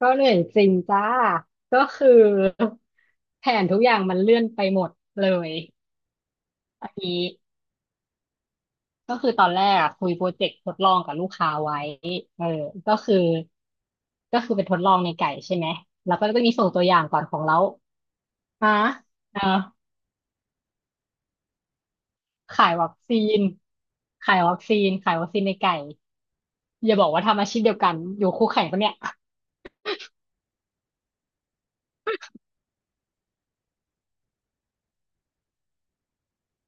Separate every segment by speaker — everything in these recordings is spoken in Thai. Speaker 1: ก็เหนื่อยจริงจ้าก็คือ แผนทุกอย่างมันเลื่อนไปหมดเลยอันนี้ก็คือตอนแรกอะคุยโปรเจกต์ทดลองกับลูกค้าไว้เออก็คือก็คือเป็นทดลองในไก่ใช่ไหมแล้วก็จะมีส่งตัวอย่างก่อนของเราอ่ะเออขายวัคซีนขายวัคซีนขายวัคซีนในไก่อย่าบอกว่าทำอาชีพเดียวกันอยู่คู่แข่งปะเนี่ย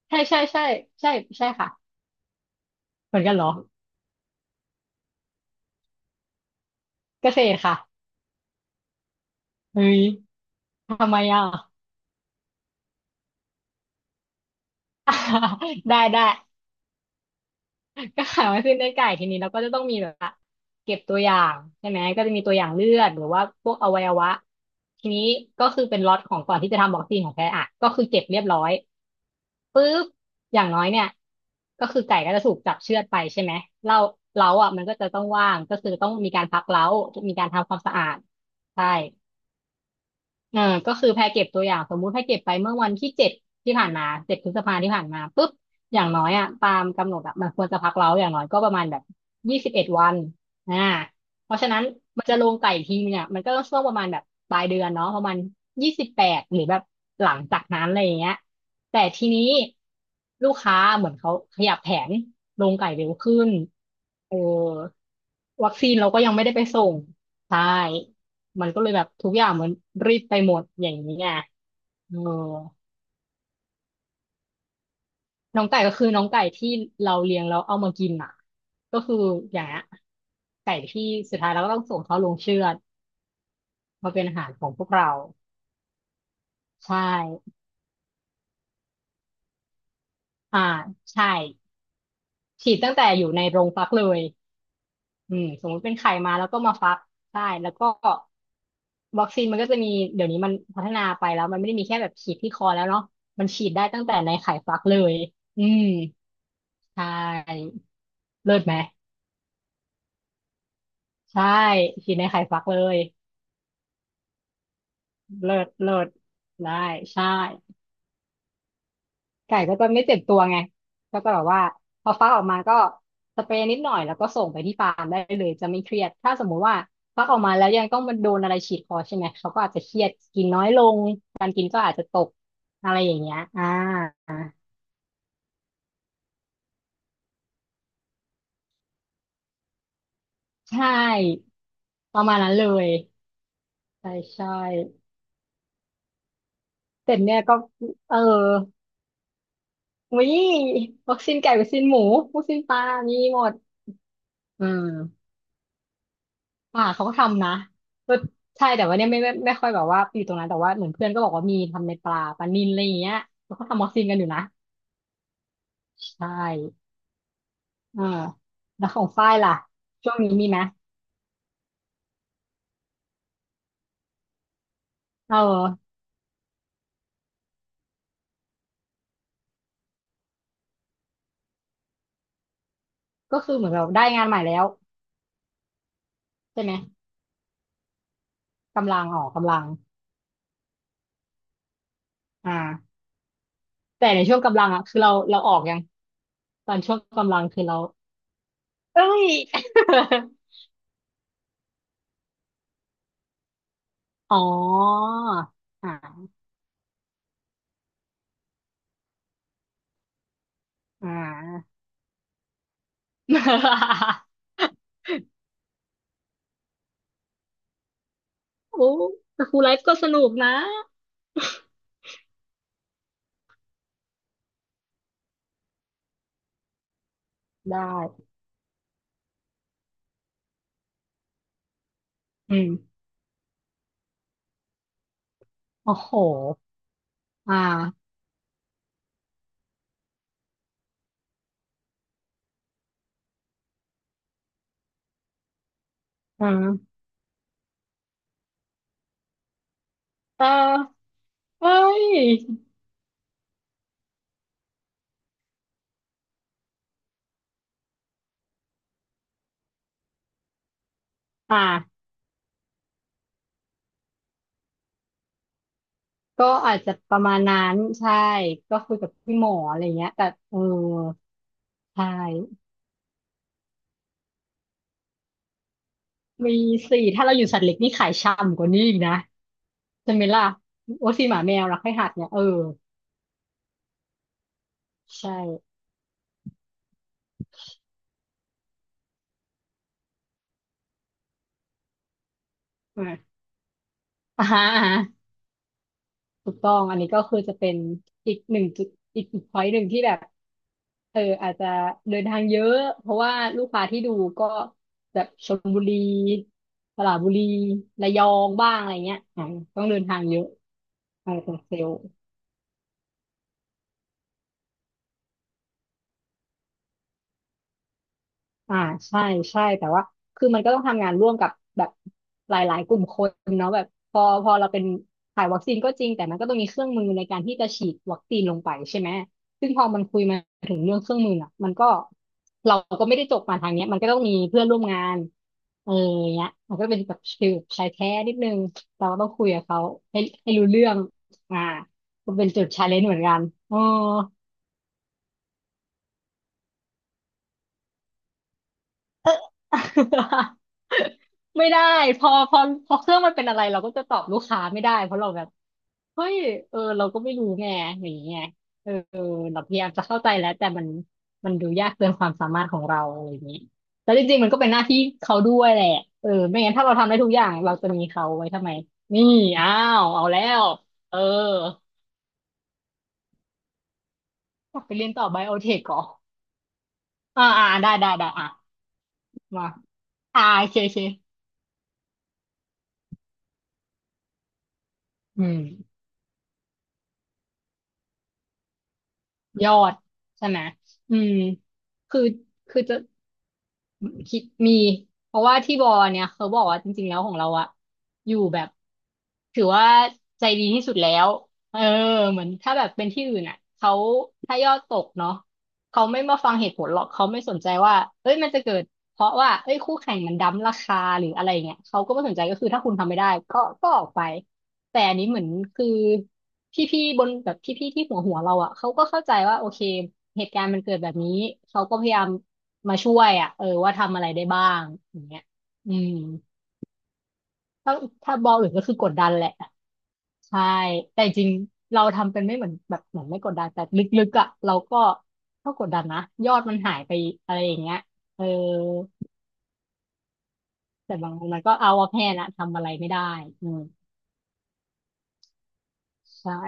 Speaker 1: ใช่ใช่ใช่ใช่ใช่ค่ะเหมือนกันเหรอเกษตรค่ะเฮ้ยทำไมอ่ะ ได้ก็ขายวัคซีนได้ไก่ทีนี้เราก็จะต้องมีแบบว่าเก็บตัวอย่างใช่ไหมก็จะมีตัวอย่างเลือดหรือว่าพวกอวัยวะทีนี้ก็คือเป็นล็อตของก่อนที่จะทำวัคซีนของแท้อ่ะก็คือเก็บเรียบร้อยปุ๊บอย่างน้อยเนี่ยก็คือไก่ก็จะถูกจับเชือดไปใช่ไหมเล้าเล้าอ่ะมันก็จะต้องว่างก็คือต้องมีการพักเล้ามีการทำความสะอาดใช่ อ่าก็คือแพรเก็บตัวอย่างสมมุติแพรเก็บไปเมื่อวันที่ 7ที่ผ่านมา7 พฤษภาที่ผ่านมาปุ๊บอย่างน้อยอ่ะตามกำหนดอ่ะมันควรจะพักเราอย่างน้อยก็ประมาณแบบ21 วันอ่าเพราะฉะนั้นมันจะลงไก่อีกทีเนี่ยมันก็ต้องช่วงประมาณแบบปลายเดือนเนาะประมาณ28หรือแบบหลังจากนั้นอะไรอย่างเงี้ยแต่ทีนี้ลูกค้าเหมือนเขาขยับแผนลงไก่เร็วขึ้นเออวัคซีนเราก็ยังไม่ได้ไปส่งใช่ มันก็เลยแบบทุกอย่างเหมือนรีบไปหมดอย่างนี้ไงเออน้องไก่ก็คือน้องไก่ที่เราเลี้ยงแล้วเอามากินอ่ะก็คืออย่างเงี้ยไก่ที่สุดท้ายเราก็ต้องส่งเขาลงเชือดมาเป็นอาหารของพวกเรา ใช่อ่าใช่ฉีดตั้งแต่อยู่ในโรงฟักเลยอืมสมมติเป็นไข่มาแล้วก็มาฟัก ใช่ แล้วก็วัคซีนมันก็จะมีเดี๋ยวนี้มันพัฒนาไปแล้วมันไม่ได้มีแค่แบบฉีดที่คอแล้วเนาะมันฉีดได้ตั้งแต่ในไข่ฟักเลยอืมใช่ เลิศไหมใช่ฉีดในไข่ฟักเลยเลิศเลิศได้ใช่ไก่ก็จะไม่เจ็บตัวไงแล้วก็แบบว่าพอฟักออกมาก็สเปรย์นิดหน่อยแล้วก็ส่งไปที่ฟาร์มได้เลยจะไม่เครียดถ้าสมมุติว่าฟักออกมาแล้วยังต้องมันโดนอะไรฉีดคอใช่ไหมเขาก็อาจจะเครียดกินน้อยลงการกินก็อาจจะตกอะไรอย่างเงี้ยอ่าใช่ประมาณนั้นเลยใช่ใช่แต่เนี่ยก็เออวิวัคซีนไก่วัคซีนหมูวัคซีนปลามีหมด อืมอ่าเขาก็ทำนะก็ใช่แต่ว่าเนี่ยไม่ค่อยแบบว่าอยู่ตรงนั้นแต่ว่าเหมือนเพื่อนก็บอกว่ามีทำในปลาปลานิลอะไรอย่างเงี้ยเขาก็ทำมอคซินกันอยู่นะใช่อ่าแล้วของฝ้ายล่ะช่วงนี้มีไหมเออก็คือเหมือนแราได้งานใหม่แล้วใช่ไหมกำลังออกกำลังอ่าแต่ในช่วงกำลังอ่ะคือเราออกยังตอนช่วงกำลังคือเราเอ้ย อ๋ออ่าอ่า โอ้แต่ครูไลฟ์ก็สนุกนะได้อืมโอ้โหอ่าอืมเออเฮ้ยอ่าก็อาจจะประมาณนั้นใช่ก็คุยกับพี่หมออะไรเงี้ยแต่เออใช่มีสี่ถ้าเราอยู่สัตว์เล็กนี่ขายช่ำกว่านี้อีกนะใช่ไหมล่ะโอ้สี่หมาแมวรักให้หัดเนี่ยเออใช่อ่าอ่า ถูกต้องอันนี้ก็คือจะเป็นอีกหนึ่งจุดอีกพอยต์หนึ่งที่แบบเอออาจจะเดินทางเยอะเพราะว่าลูกค้าที่ดูก็แบบชลบุรีสระบุรีระยองบ้างอะไรเงี้ยอ่าต้องเดินทางเยอะเอาเป็นเซลล์ อ่าใช่ใช่แต่ว่าคือมันก็ต้องทำงานร่วมกับแบบหลายๆกลุ่มคนเนาะแบบพอเราเป็นถ่ายวัคซีนก็จริงแต่มันก็ต้องมีเครื่องมือในการที่จะฉีดวัคซีนลงไปใช่ไหมซึ่งพอมันคุยมาถึงเรื่องเครื่องมือน่ะมันก็เราก็ไม่ได้จบมาทางเนี้ยมันก็ต้องมีเพื่อนร่วมงานเออเนี้ยมันก็เป็นแบบฟิลชายแท้นิดนึงเราก็ต้องคุยกับเขาให้รู้เรื่องอ่าก็เป็นจุดชาเลนจ์เหมือนกันอ๋อ ไม่ได้พอพอเครื่องมันเป็นอะไรเราก็จะตอบลูกค้าไม่ได้เพราะเราแบบเฮ้ยเออเราก็ไม่รู้ไงอย่างเงี้ยเออเราพยายามจะเข้าใจแล้วแต่มันดูยากเกินความสามารถของเราอะไรอย่างนี้แล้วจริงๆมันก็เป็นหน้าที่เขาด้วยแหละเออไม่งั้นถ้าเราทำได้ทุกอย่างเราจะมีเขาไว้ทำไมนี่อ้าวเอาแล้วเอออยากไปเรียนต่อไบโอเทคก่ออ่าอ่าได้ได้ได้อ่ะมาอ่าโอเคโอเคอืม ยอดใช่ไหมอืมคือคือจะ คิดมีเพราะว่าที่บอเนี่ยเขาบอกว่าจริงๆแล้วของเราอะอยู่แบบถือว่าใจดีที่สุดแล้วเออเหมือนถ้าแบบเป็นที่อื่นอะเขาถ้ายอดตกเนาะเขาไม่มาฟังเหตุผลหรอกเขาไม่สนใจว่าเอ้ยมันจะเกิดเพราะว่าเอ้ยคู่แข่งมันดั้มราคาหรืออะไรเงี้ยเขาก็ไม่สนใจก็คือถ้าคุณทำไม่ได้ก็ออกไปแต่อันนี้เหมือนคือพี่ๆบนแบบพี่ๆที่หัวเราอะเขาก็เข้าใจว่าโอเคเหตุการณ์มันเกิดแบบนี้เขาก็พยายาม มาช่วยอ่ะเออว่าทำอะไรได้บ้างอย่างเงี้ยอืมถ้าถ้าบอลอื่นก็คือกดดันแหละใช่แต่จริงเราทำเป็นไม่เหมือนแบบเหมือนไม่กดดันแต่ลึกๆอ่ะเราก็ก็กดดันนะยอดมันหายไปอะไรอย่างเงี้ยเออแต่บางวันมันก็เอาว่าแพ้นะทำอะไรไม่ได้อืมใช่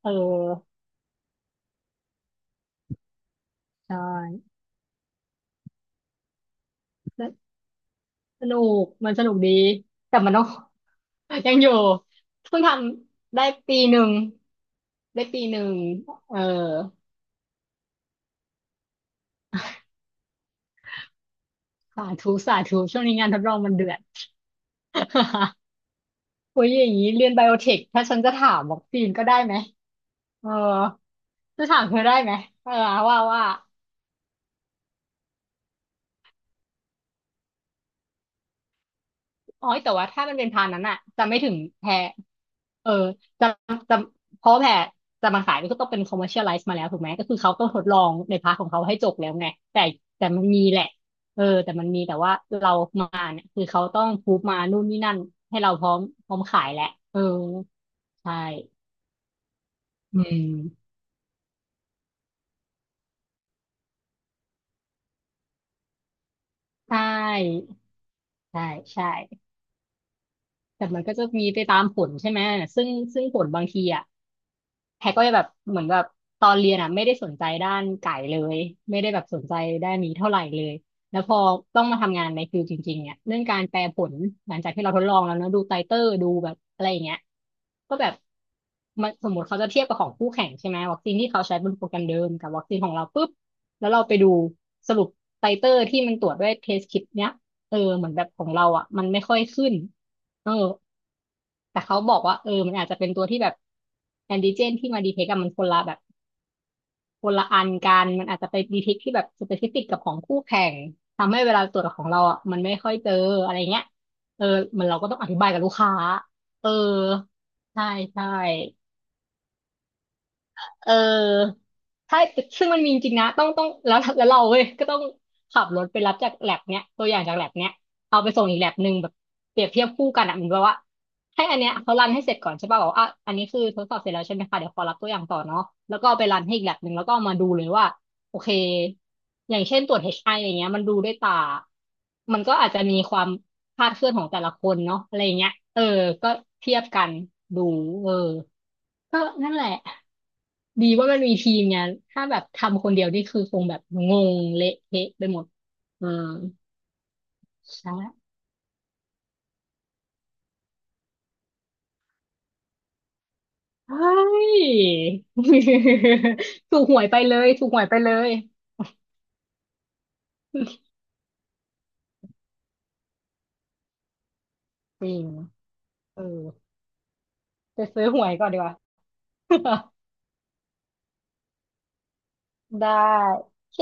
Speaker 1: เออใช่สนุกมันสนุกดีแต่มันต้อง ยังอยู่เพิ่งทำได้ปีหนึ่งได้ปีหนึ่งเออ สาธุสาธุช่วงนี้งานทดลองมันเดือด โอ้ยอย่างนี้เรียนไบโอเทคถ้าฉันจะถามวัคซีนก็ได้ไหมเออจะถามเธอได้ไหมเออว่าว่าอ๋อแต่ว่าถ้ามันเป็นพานนั้นอะจะไม่ถึงแพรเออจะจะเพราะแพรจะมาขายก็ต้องเป็น commercialize มาแล้วถูกไหมก็คือเขาต้องทดลองในพาร์ทของเขาให้จบแล้วไงแต่แต่มันมีแหละเออแต่มันมีแต่ว่าเรามาเนี่ยคือเขาต้องพูฟมานู่นนี่นั่นให้เราพร้อมพร้อมขายแหละเออใช่อืม ใช่ใช่ใช่ แต่มันก็จะมีไปตามผลใช่ไหม ซึ่งผลบางทีอ่ะ แพรก็จะแบบเหมือนแบบตอนเรียนอ่ะไม่ได้สนใจด้านไก่เลยไม่ได้แบบสนใจด้านนี้เท่าไหร่เลยแล้วพอต้องมาทำงานในฟิลจริงๆเนี่ยเรื่องการแปลผลหลังจากที่เราทดลองแล้วเนอะดูไตเตอร์ดูแบบอะไรอย่างเงี้ยก็แบบมันสมมติเขาจะเทียบกับของคู่แข่งใช่ไหมวัคซีนที่เขาใช้บนโปรแกรมเดิมกับวัคซีนของเราปุ๊บแล้วเราไปดูสรุปไตเตอร์ที่มันตรวจด้วยเทสคิดเนี้ยเออเหมือนแบบของเราอ่ะมันไม่ค่อยขึ้นเออ แต่เขาบอกว่าเออมันอาจจะเป็นตัวที่แบบแอนติเจนที่มาดีเทคกับมันคนละแบบคนละอันกัน มันอาจจะไปดีเทคที่แบบสเปซิฟิกกับของคู่แข่ง ทำให้เวลาตรวจของเราอ่ะมันไม่ค่อยเจออะไรเงี้ยเออมันเราก็ต้องอธิบายกับลูกค้า เออ ใช่ใช่ เออถ้าซึ่งมันมีจริงๆนะต้องแล้วแล้วเราเว้ยก็ต้องขับรถไปรับจากแลบเนี้ยตัวอย่างจากแลบเนี้ยเอาไปส่งอีกแลบหนึ่งแบบเปรียบเทียบคู่กันอ่ะเหมือนแบบว่าให้อันเนี้ยเขารันให้เสร็จก่อนใช่ป่ะบอกว่าอ่ะอันนี้คือทดสอบเสร็จแล้วใช่ไหมคะเดี๋ยวขอรับตัวอย่างต่อเนาะแล้วก็เอาไปรันให้อีกแลบหนึ่งแล้วก็เอามาดูเลยว่าโอเคอย่างเช่นตรวจ HI อชไออะไรเงี้ยมันดูด้วยตามันก็อาจจะมีความ คาดเคลื่อนของแต่ละคนเนาะอะไรอย่างเงี้ยเออ ก็เทียบกันดู เออ ก็นั่นแหละดีว่ามันมีทีมไงถ้าแบบทำคนเดียวนี่คือคงแบบงงเละเทะไปหมดอืมใช่ เฮ้ย ถูกหวยไปเลยถูกหวยไปเลยจริงเออไปซื้อหวยก่อนดีกว่า ได้โอเค